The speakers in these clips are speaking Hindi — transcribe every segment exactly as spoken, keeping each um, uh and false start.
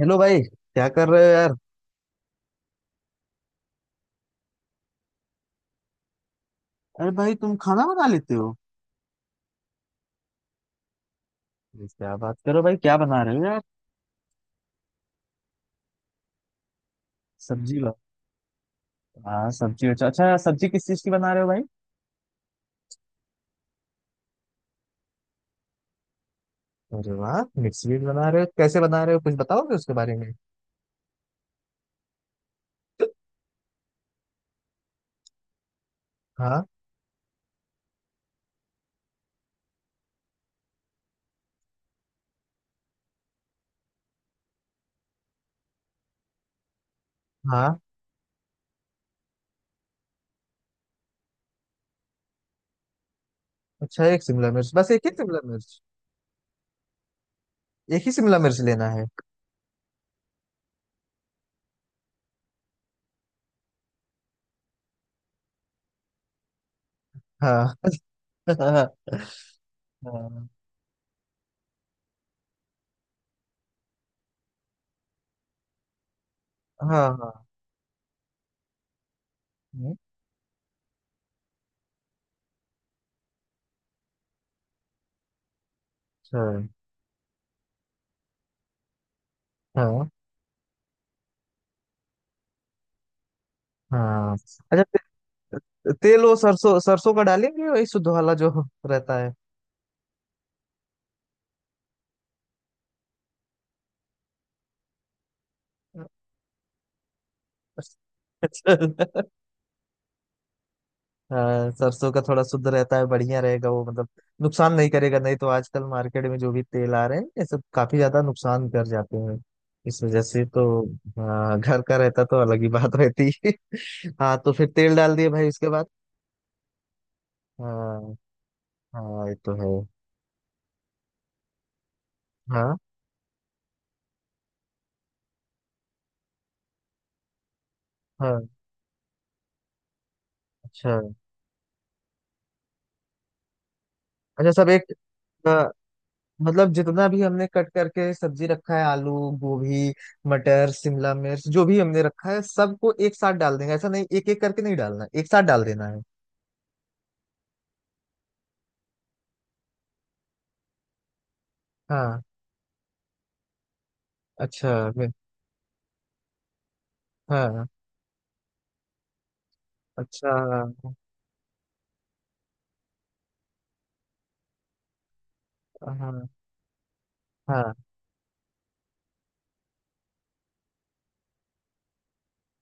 हेलो भाई, क्या कर रहे हो यार? अरे भाई, तुम खाना बना लेते हो? अरे क्या बात करो भाई, क्या बना रहे हो यार? सब्जी बा हाँ सब्जी। अच्छा अच्छा, सब्जी किस चीज की बना रहे हो भाई? अरे वाह, मिर्च भी बना रहे हो। कैसे बना रहे हो, कुछ बताओगे उसके बारे में? हाँ हाँ। अच्छा एक शिमला मिर्च, बस एक ही शिमला मिर्च? एक ही शिमला मिर्च लेना है? हाँ हाँ। हाँ। हाँ अच्छा। हाँ हाँ। अच्छा ते, तेल वो सरसों सरसों का डालेंगे, वही शुद्ध वाला जो रहता है। अच्छा हाँ, सरसों का थोड़ा शुद्ध रहता है, बढ़िया रहेगा वो मतलब। नुकसान नहीं करेगा, नहीं तो आजकल मार्केट में जो भी तेल आ रहे हैं ये सब काफी ज्यादा नुकसान कर जाते हैं। इस वजह से तो। हाँ, घर का रहता तो अलग ही बात रहती है। हाँ, तो फिर तेल डाल दिए भाई, उसके बाद? हाँ। हाँ ये तो है। हाँ हाँ। अच्छा। अच्छा सब एक अ, मतलब जितना भी हमने कट करके सब्जी रखा है, आलू, गोभी, मटर, शिमला मिर्च, जो भी हमने रखा है, सबको एक साथ डाल देंगे? ऐसा नहीं एक एक करके नहीं डालना, एक साथ डाल देना है? हाँ। अच्छा। वे- हाँ। अच्छा। हाँ हाँ।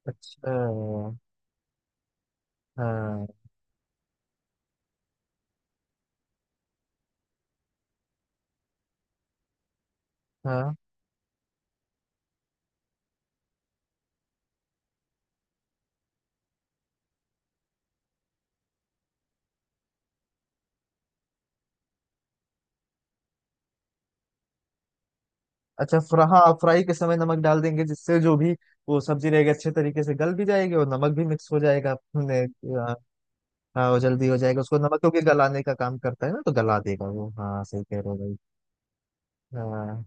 अच्छा। हाँ हाँ। अच्छा फ्रा, हाँ फ्राई के समय नमक डाल देंगे, जिससे जो भी वो सब्जी रहेगी अच्छे तरीके से गल भी जाएगी और नमक भी मिक्स हो जाएगा अपने। हाँ हाँ, वो जल्दी हो जाएगा, उसको नमक क्योंकि गलाने का काम करता है ना, तो गला देगा वो। हाँ सही कह रहे हो भाई। हाँ।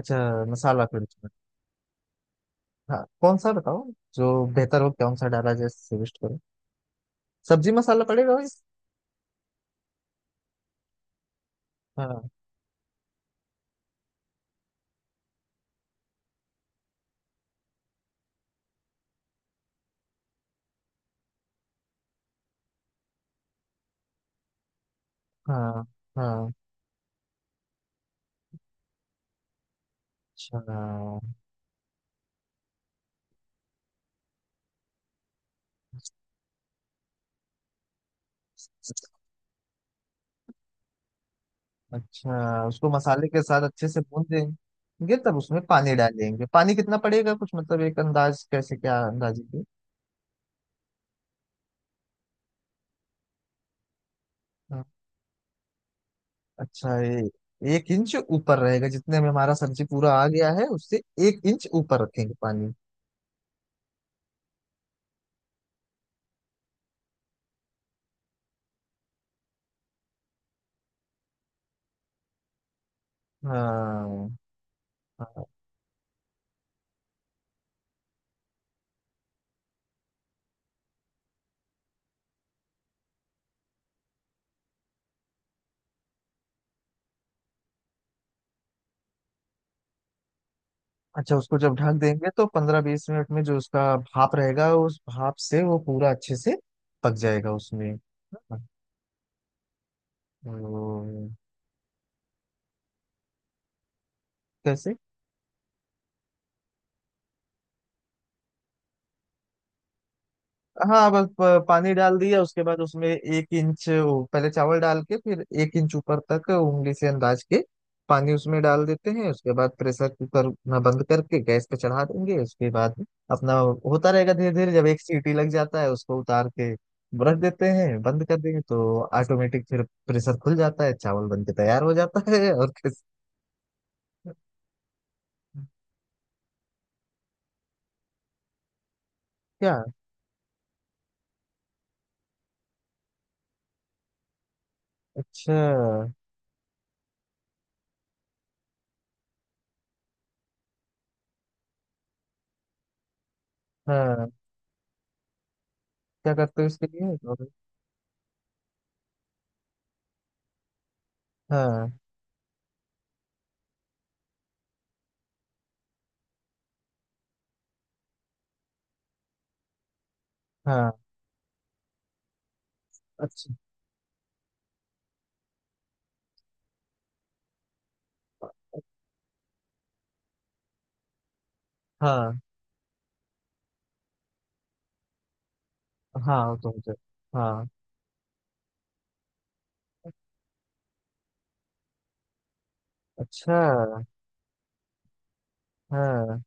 अच्छा, मसाला फिर उसमें? हाँ कौन सा बताओ, जो बेहतर हो कौन सा डाला जाए सजेस्ट करो। सब्जी मसाला पड़ेगा भाई? हाँ। हाँ। हाँ। अच्छा अच्छा, उसको मसाले के साथ अच्छे से भून देंगे, तब उसमें पानी डालेंगे। पानी कितना पड़ेगा, कुछ मतलब एक अंदाज कैसे, क्या अंदाजे की? हाँ, अच्छा ये एक इंच ऊपर रहेगा, जितने में हमारा सब्जी पूरा आ गया है उससे एक इंच ऊपर रखेंगे पानी? हाँ। हाँ। अच्छा, उसको जब ढक देंगे तो पंद्रह बीस मिनट में जो उसका भाप रहेगा, उस भाप से वो पूरा अच्छे से पक जाएगा उसमें। हाँ, तो कैसे? हाँ, बस प- पानी डाल दिया उसके बाद, उसमें एक इंच, वो पहले चावल डाल के फिर एक इंच ऊपर तक उंगली से अंदाज के पानी उसमें डाल देते हैं। उसके बाद प्रेशर कुकर ना बंद करके गैस पे चढ़ा देंगे। उसके बाद अपना होता रहेगा धीरे धीरे, जब एक सीटी लग जाता है उसको उतार के रख देते हैं, बंद कर देंगे तो ऑटोमेटिक फिर प्रेशर खुल जाता है, चावल बन के तैयार हो जाता है। और किस? क्या? अच्छा। हाँ, क्या करते हो इसके लिए और- हाँ। हाँ। अच्छा। हाँ। हाँ तुम से हाँ। अच्छा। हाँ।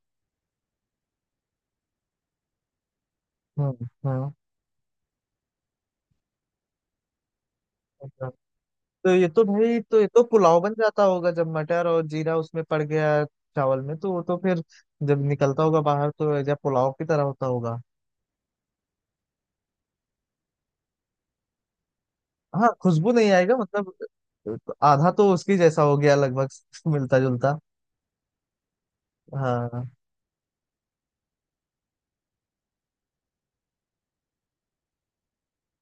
हम्म हम्म। अच्छा। तो ये तो भाई, तो ये तो पुलाव बन जाता होगा, जब मटर और जीरा उसमें पड़ गया चावल में, तो वो तो फिर जब निकलता होगा बाहर तो या पुलाव की तरह होता होगा। हाँ खुशबू नहीं आएगा मतलब? तो आधा तो उसकी जैसा हो गया लगभग मिलता जुलता। हाँ।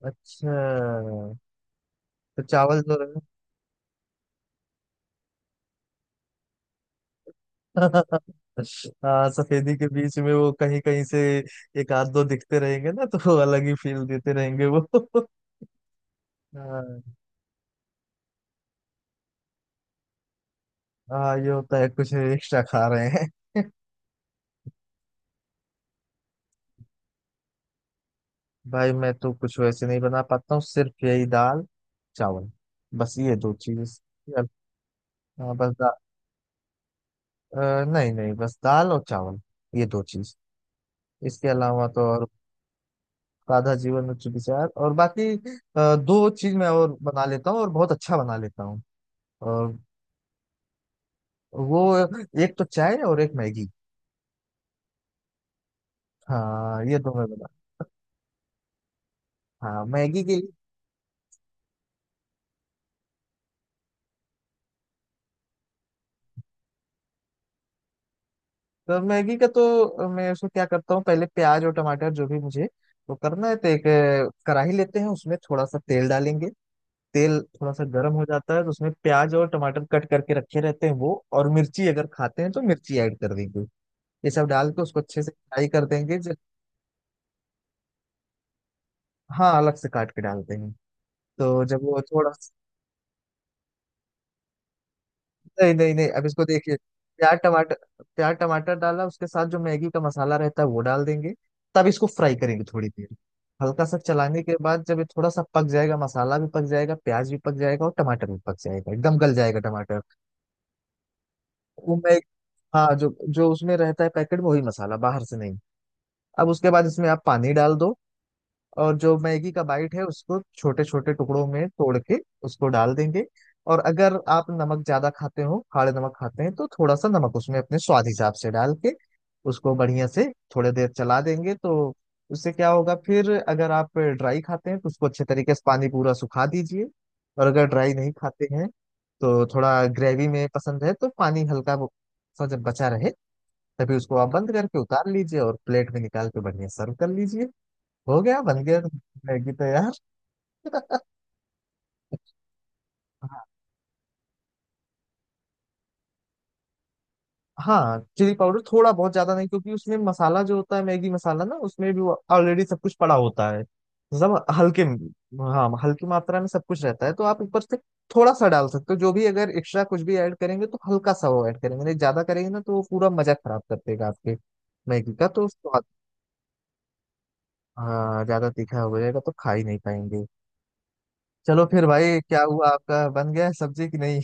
अच्छा। तो चावल जो हाँ, सफेदी के बीच में वो कहीं कहीं से एक आध दो दिखते रहेंगे ना, तो वो अलग ही फील देते रहेंगे वो। हाँ। हाँ, ये होता है कुछ एक्स्ट्रा खा रहे हैं भाई मैं तो कुछ वैसे नहीं बना पाता हूँ, सिर्फ यही दाल, चावल। बस ये दो चीज। हाँ बस दा, अ, नहीं नहीं, बस दाल और चावल, ये दो चीज। इसके अलावा तो और? सादा जीवन उच्च विचार और बाकी अ, दो चीज मैं और बना लेता हूँ, और बहुत अच्छा बना लेता हूँ। और वो, एक तो चाय और एक मैगी। हाँ ये तो मैं बता। हाँ, मैगी के लिए तो मैगी का, तो मैं उसको क्या करता हूँ, पहले प्याज और टमाटर जो भी मुझे वो करना है, तो एक अ, कढ़ाई लेते हैं, उसमें थोड़ा सा तेल डालेंगे। तेल थोड़ा सा गर्म हो जाता है तो उसमें प्याज और टमाटर कट करके रखे रहते हैं वो, और मिर्ची अगर खाते हैं तो मिर्ची ऐड कर देंगे। ये सब डाल के उसको अच्छे से फ्राई कर देंगे। जब हाँ, अलग से काट के डालते हैं। तो जब वो थोड़ा, नहीं नहीं नहीं, अब इसको देखिए, प्याज टमाटर, प्याज टमाटर डाला उसके साथ जो मैगी का मसाला रहता है वो डाल देंगे। तब इसको फ्राई करेंगे थोड़ी देर, हल्का सा चलाने के बाद जब ये थोड़ा सा पक जाएगा, मसाला भी पक जाएगा, प्याज भी पक जाएगा और टमाटर भी पक जाएगा, एकदम गल जाएगा टमाटर। वो मैं हाँ, जो जो उसमें रहता है पैकेट में वही मसाला, बाहर से नहीं। अब उसके बाद इसमें आप पानी डाल दो, और जो मैगी का बाइट है उसको छोटे छोटे टुकड़ों में तोड़ के उसको डाल देंगे। और अगर आप नमक ज्यादा खाते हो, खाड़े नमक खाते हैं, तो थोड़ा सा नमक उसमें अपने स्वाद हिसाब से डाल के उसको बढ़िया से थोड़ी देर चला देंगे, तो उससे क्या होगा, फिर अगर आप ड्राई खाते हैं तो उसको अच्छे तरीके से पानी पूरा सुखा दीजिए, और अगर ड्राई नहीं खाते हैं तो थोड़ा ग्रेवी में पसंद है तो पानी हल्का वो- सा जब बचा रहे, तभी उसको आप बंद करके उतार लीजिए और प्लेट में निकाल के बढ़िया सर्व कर लीजिए। हो गया, बन गया मैगी तो यार। हाँ। हाँ, चिली पाउडर थोड़ा, बहुत ज्यादा नहीं, क्योंकि उसमें मसाला जो होता है मैगी मसाला ना उसमें भी ऑलरेडी सब कुछ पड़ा होता है। सब हल्के, हाँ हल्की मात्रा में सब कुछ रहता है, तो आप ऊपर से थोड़ा सा डाल सकते हो। जो भी अगर एक्स्ट्रा कुछ भी ऐड करेंगे तो हल्का सा वो ऐड करेंगे, नहीं ज्यादा करेंगे ना तो वो पूरा मजा खराब कर देगा आपके मैगी का तो स्वाद। हाँ ज्यादा तीखा हो जाएगा तो खा ही नहीं पाएंगे। चलो फिर भाई, क्या हुआ आपका, बन गया है सब्जी कि नहीं?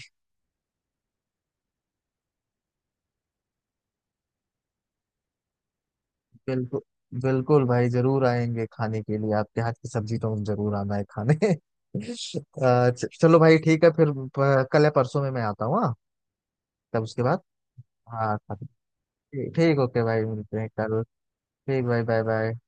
बिल्कुल, बिल्कुल भाई जरूर आएंगे खाने के लिए आपके हाथ की सब्जी तो, हम जरूर आना है खाने अ, च- चलो भाई ठीक है फिर, प- कल या परसों में मैं आता हूँ। हाँ तब उसके बाद। हाँ ठीक, ठीक ओके भाई, मिलते हैं कल। ठीक भाई, बाय बाय।